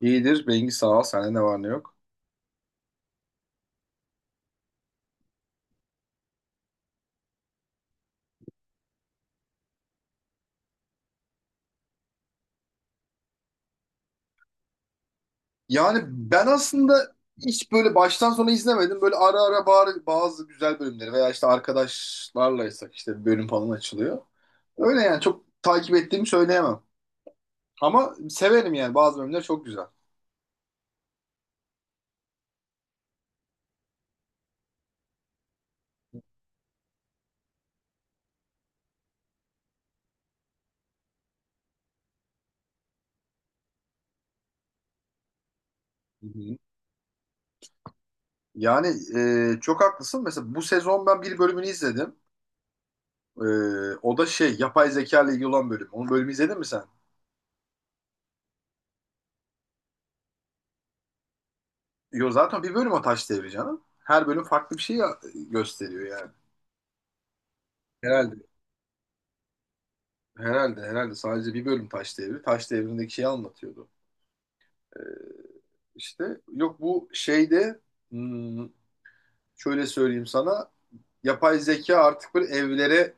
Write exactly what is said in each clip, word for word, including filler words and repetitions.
İyidir. Bengi sağ ol. Sende ne var ne yok. Yani ben aslında hiç böyle baştan sona izlemedim. Böyle ara ara bari- bazı güzel bölümleri veya işte arkadaşlarlaysak işte bir bölüm falan açılıyor. Öyle yani çok takip ettiğimi söyleyemem. Ama severim yani bazı bölümler çok güzel. Hı hı. Yani e, çok haklısın. Mesela bu sezon ben bir bölümünü izledim. E, O da şey yapay zeka ile ilgili olan bölüm. Onun bölümü izledin mi sen? Yo, zaten bir bölüm o taş devri canım. Her bölüm farklı bir şey ya- gösteriyor yani. Herhalde. Herhalde herhalde sadece bir bölüm Taş Devri. Taş Devri'ndeki şeyi anlatıyordu. Ee, işte yok bu şeyde, hmm, şöyle söyleyeyim sana. Yapay zeka artık böyle evlere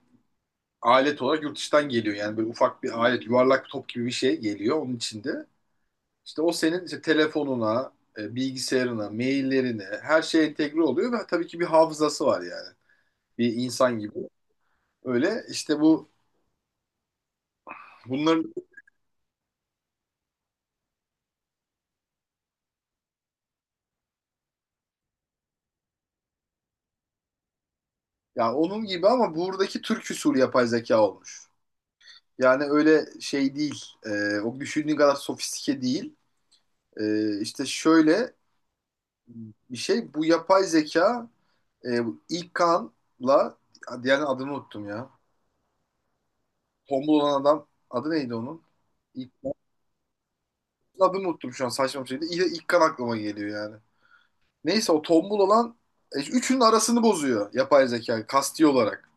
alet olarak yurt dışından geliyor. Yani böyle ufak bir alet, yuvarlak bir top gibi bir şey geliyor onun içinde. İşte o senin işte telefonuna, e, bilgisayarına, maillerine her şey entegre oluyor ve tabii ki bir hafızası var yani. Bir insan gibi. Öyle işte bu bunların ya onun gibi, ama buradaki Türk usulü yapay zeka olmuş. Yani öyle şey değil. Ee, o düşündüğün kadar sofistike değil. Ee, işte şöyle bir şey. Bu yapay zeka e, bu ilk Kaan'la, diğer adını unuttum ya. Tombul olan adam adı neydi onun? İlk adını unuttum şu an, saçma bir şeydi. İlk, ilk Kaan aklıma geliyor yani. Neyse, o tombul olan e, üçünün arasını bozuyor yapay zeka kasti olarak.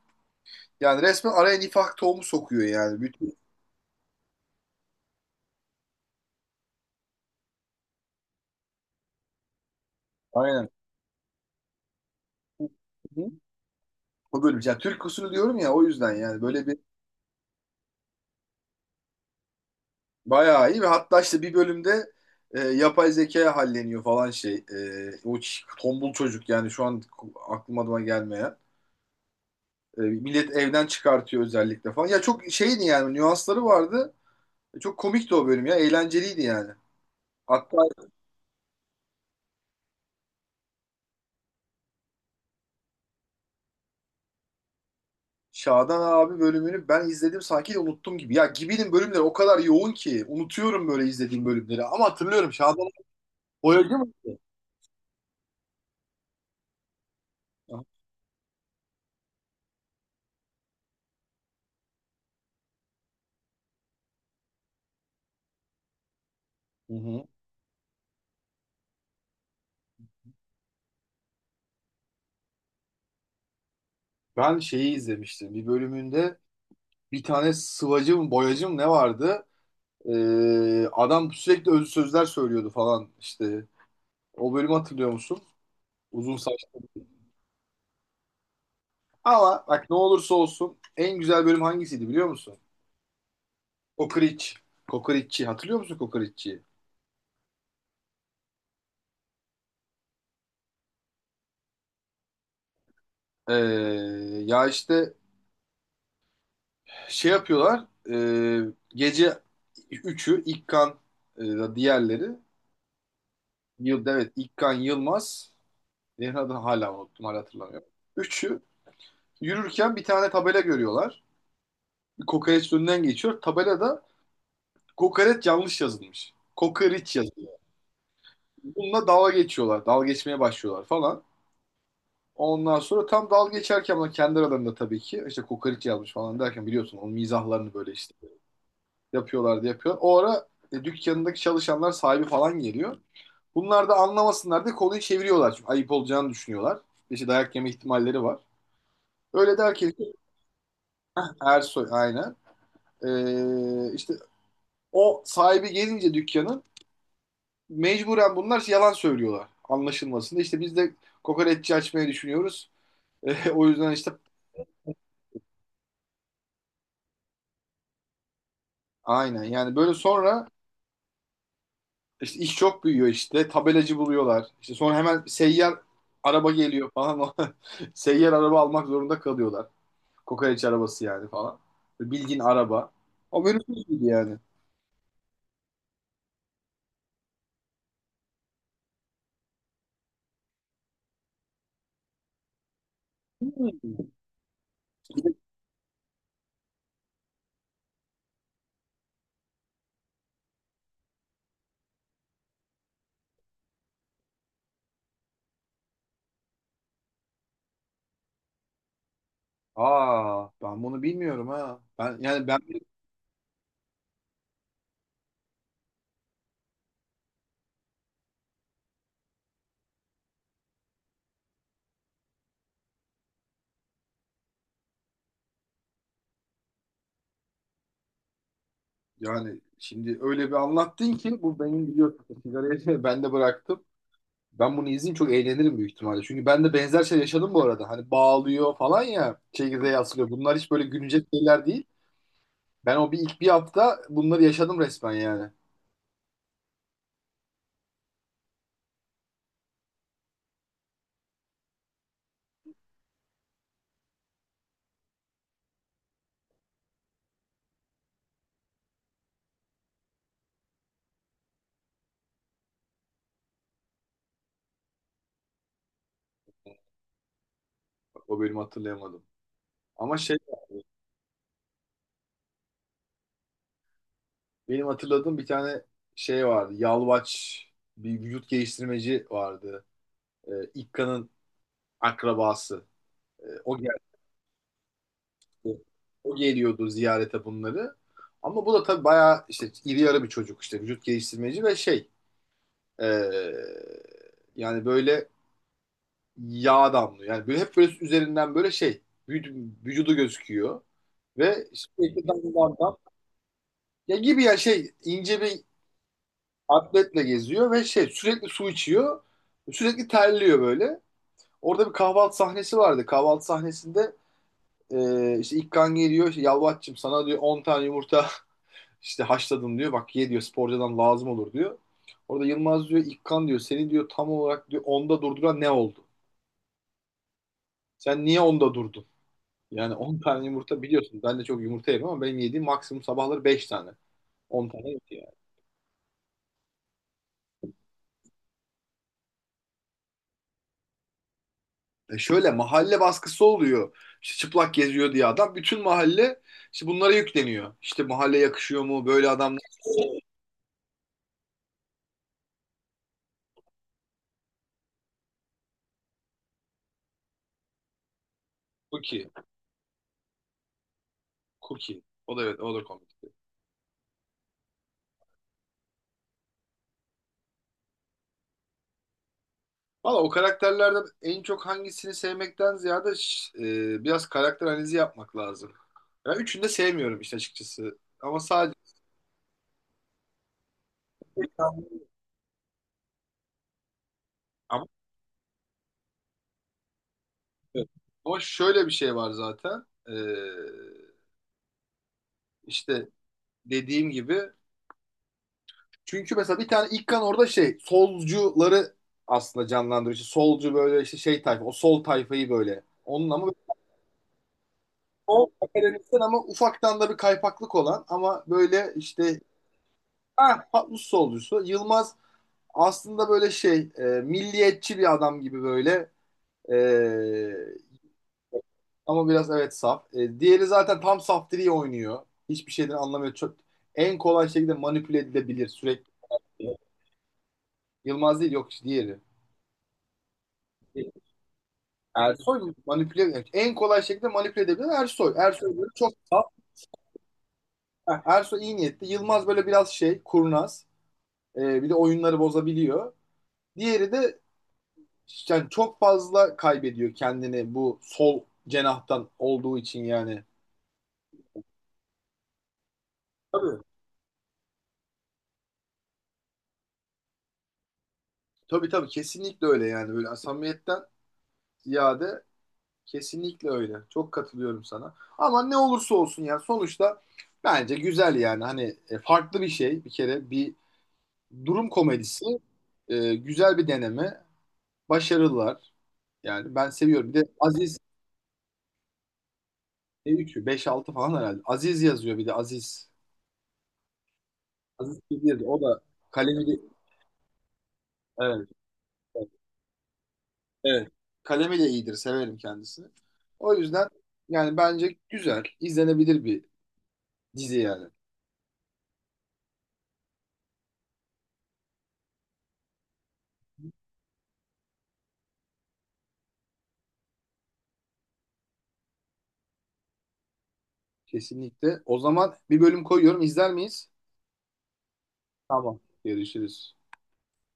Yani resmen araya nifak tohumu sokuyor yani. Bütün, aynen. Hı hı. O bölüm. Yani Türk usulü diyorum ya, o yüzden yani böyle bir. Bayağı iyi, ve hatta işte bir bölümde e, yapay zekaya halleniyor falan şey. E, o ç- tombul çocuk, yani şu an aklım adıma gelmeyen. E, millet evden çıkartıyor özellikle falan. Ya çok şeydi yani, nüansları vardı. E, Çok komikti o bölüm ya. Eğlenceliydi yani. Hatta Şadan abi bölümünü ben izledim sanki de unuttum gibi. Ya Gibi'nin bölümleri o kadar yoğun ki unutuyorum böyle izlediğim bölümleri. Ama hatırlıyorum Şadan boyacı mıydı? Hı hı. Ben şeyi izlemiştim. Bir bölümünde bir tane sıvacı mı boyacı mı ne vardı? Ee, adam sürekli özlü sözler söylüyordu falan işte. O bölümü hatırlıyor musun? Uzun saç. Ama bak, ne olursa olsun en güzel bölüm hangisiydi biliyor musun? Kokoreç. Kokoreççi. Hatırlıyor musun kokoreççiyi? Ee, Ya işte şey yapıyorlar. E, gece üçü İlkan, e, diğerleri. Yıl, evet, İlkan Yılmaz. Diğer adını hala unuttum, hala hatırlamıyorum. Üçü yürürken bir tane tabela görüyorlar. Kokoreç önünden geçiyor. Tabelada kokoreç yanlış yazılmış. Kokoreç yazıyor. Bununla dalga geçiyorlar. Dalga geçmeye başlıyorlar falan. Ondan sonra tam dalga geçerken, ama kendi aralarında tabii ki, işte kokoreç yazmış falan derken, biliyorsun onun mizahlarını böyle işte yapıyorlar diye yapıyor. O ara e, dükkanındaki çalışanlar, sahibi falan geliyor. Bunlar da anlamasınlar diye konuyu çeviriyorlar. Çünkü ayıp olacağını düşünüyorlar. İşte dayak yeme ihtimalleri var. Öyle derken işte Ersoy, aynen. Ee, işte o sahibi gelince dükkanın, mecburen bunlar şey, yalan söylüyorlar anlaşılmasında. İşte biz de kokoreççi açmayı düşünüyoruz. E, o yüzden işte aynen yani, böyle sonra işte iş çok büyüyor, işte tabelacı buluyorlar. İşte sonra hemen seyyar araba geliyor falan. Seyyar araba almak zorunda kalıyorlar. Kokoreç arabası yani falan. Bildiğin araba. O benim gibi yani. Hmm. Aa, ben bunu bilmiyorum ha. Ben yani ben yani şimdi öyle bir anlattın ki, bu benim biliyorsun sigarayı, ben de bıraktım. Ben bunu izleyeyim, çok eğlenirim büyük ihtimalle. Çünkü ben de benzer şey yaşadım bu arada. Hani bağlıyor falan ya, çekirdeğe asılıyor. Bunlar hiç böyle güncel şeyler değil. Ben o bir ilk bir hafta bunları yaşadım resmen yani. O bölümü hatırlayamadım. Ama şey, benim hatırladığım bir tane şey vardı. Yalvaç, bir vücut geliştirmeci vardı. Ee, İkka'nın akrabası. Ee, o geldi. O geliyordu ziyarete bunları. Ama bu da tabii bayağı işte iri yarı bir çocuk, işte vücut geliştirmeci ve şey, ee, yani böyle yağ damlıyor. Yani böyle hep böyle üzerinden böyle şey, vüc- vücudu gözüküyor ve sürekli dam dam dam. Ya gibi ya, şey, ince bir atletle geziyor ve şey, sürekli su içiyor. Sürekli terliyor böyle. Orada bir kahvaltı sahnesi vardı. Kahvaltı sahnesinde e, işte ilk kan geliyor. Işte, Yalvaç'cığım sana diyor on tane yumurta işte haşladım diyor. Bak ye diyor, sporcudan lazım olur diyor. Orada Yılmaz diyor, İlkan diyor, seni diyor tam olarak, diyor onda durduran ne oldu? Sen niye onda durdun? Yani on tane yumurta, biliyorsun. Ben de çok yumurta yerim ama benim yediğim maksimum sabahları beş tane. On tane yok yani. E şöyle mahalle baskısı oluyor. İşte çıplak geziyor diye adam. Bütün mahalle işte bunlara yükleniyor. İşte mahalle yakışıyor mu? Böyle adamlar. Cookie. Cookie. O da, evet, o da komik. Valla, o karakterlerden en çok hangisini sevmekten ziyade ş- e, biraz karakter analizi yapmak lazım. Ben üçünü de sevmiyorum işte açıkçası. Ama sadece, ama, ama şöyle bir şey var zaten. E, işte dediğim gibi. Çünkü mesela bir tane İlkan orada şey solcuları aslında canlandırıyor. İşte solcu böyle işte şey tayfa, o sol tayfayı böyle. Onun ama o akademisyen, ama ufaktan da bir kaypaklık olan, ama böyle işte ah patlus solcusu. Yılmaz aslında böyle şey, e, milliyetçi bir adam gibi böyle, e, ama biraz, evet, saf. E, diğeri zaten tam saftiri oynuyor. Hiçbir şeyden anlamıyor. Çok, en kolay şekilde manipüle edilebilir sürekli. Yılmaz değil, yok işte diğeri. Ersoy manipüle, evet. En kolay şekilde manipüle edebilen Ersoy. Ersoy böyle çok saf. Heh, Ersoy iyi niyetli. Yılmaz böyle biraz şey, kurnaz. Ee, bir de oyunları bozabiliyor. Diğeri de yani çok fazla kaybediyor kendini bu sol cenahtan olduğu için yani. Tabii. Tabii tabii, kesinlikle öyle yani, böyle samimiyetten ziyade kesinlikle öyle. Çok katılıyorum sana. Ama ne olursa olsun yani, sonuçta bence güzel yani, hani e, farklı bir şey, bir kere bir durum komedisi. Ee, güzel bir deneme. Başarılılar. Yani ben seviyorum. Bir de Aziz, ne üçü, beş altı falan herhalde. Aziz yazıyor, bir de Aziz. Aziz Bilgi yazıyor. O da kalemiyle, evet, evet, evet. Kalemiyle iyidir. Severim kendisini. O yüzden yani bence güzel. İzlenebilir bir dizi yani. Kesinlikle. O zaman bir bölüm koyuyorum. İzler miyiz? Tamam. Görüşürüz.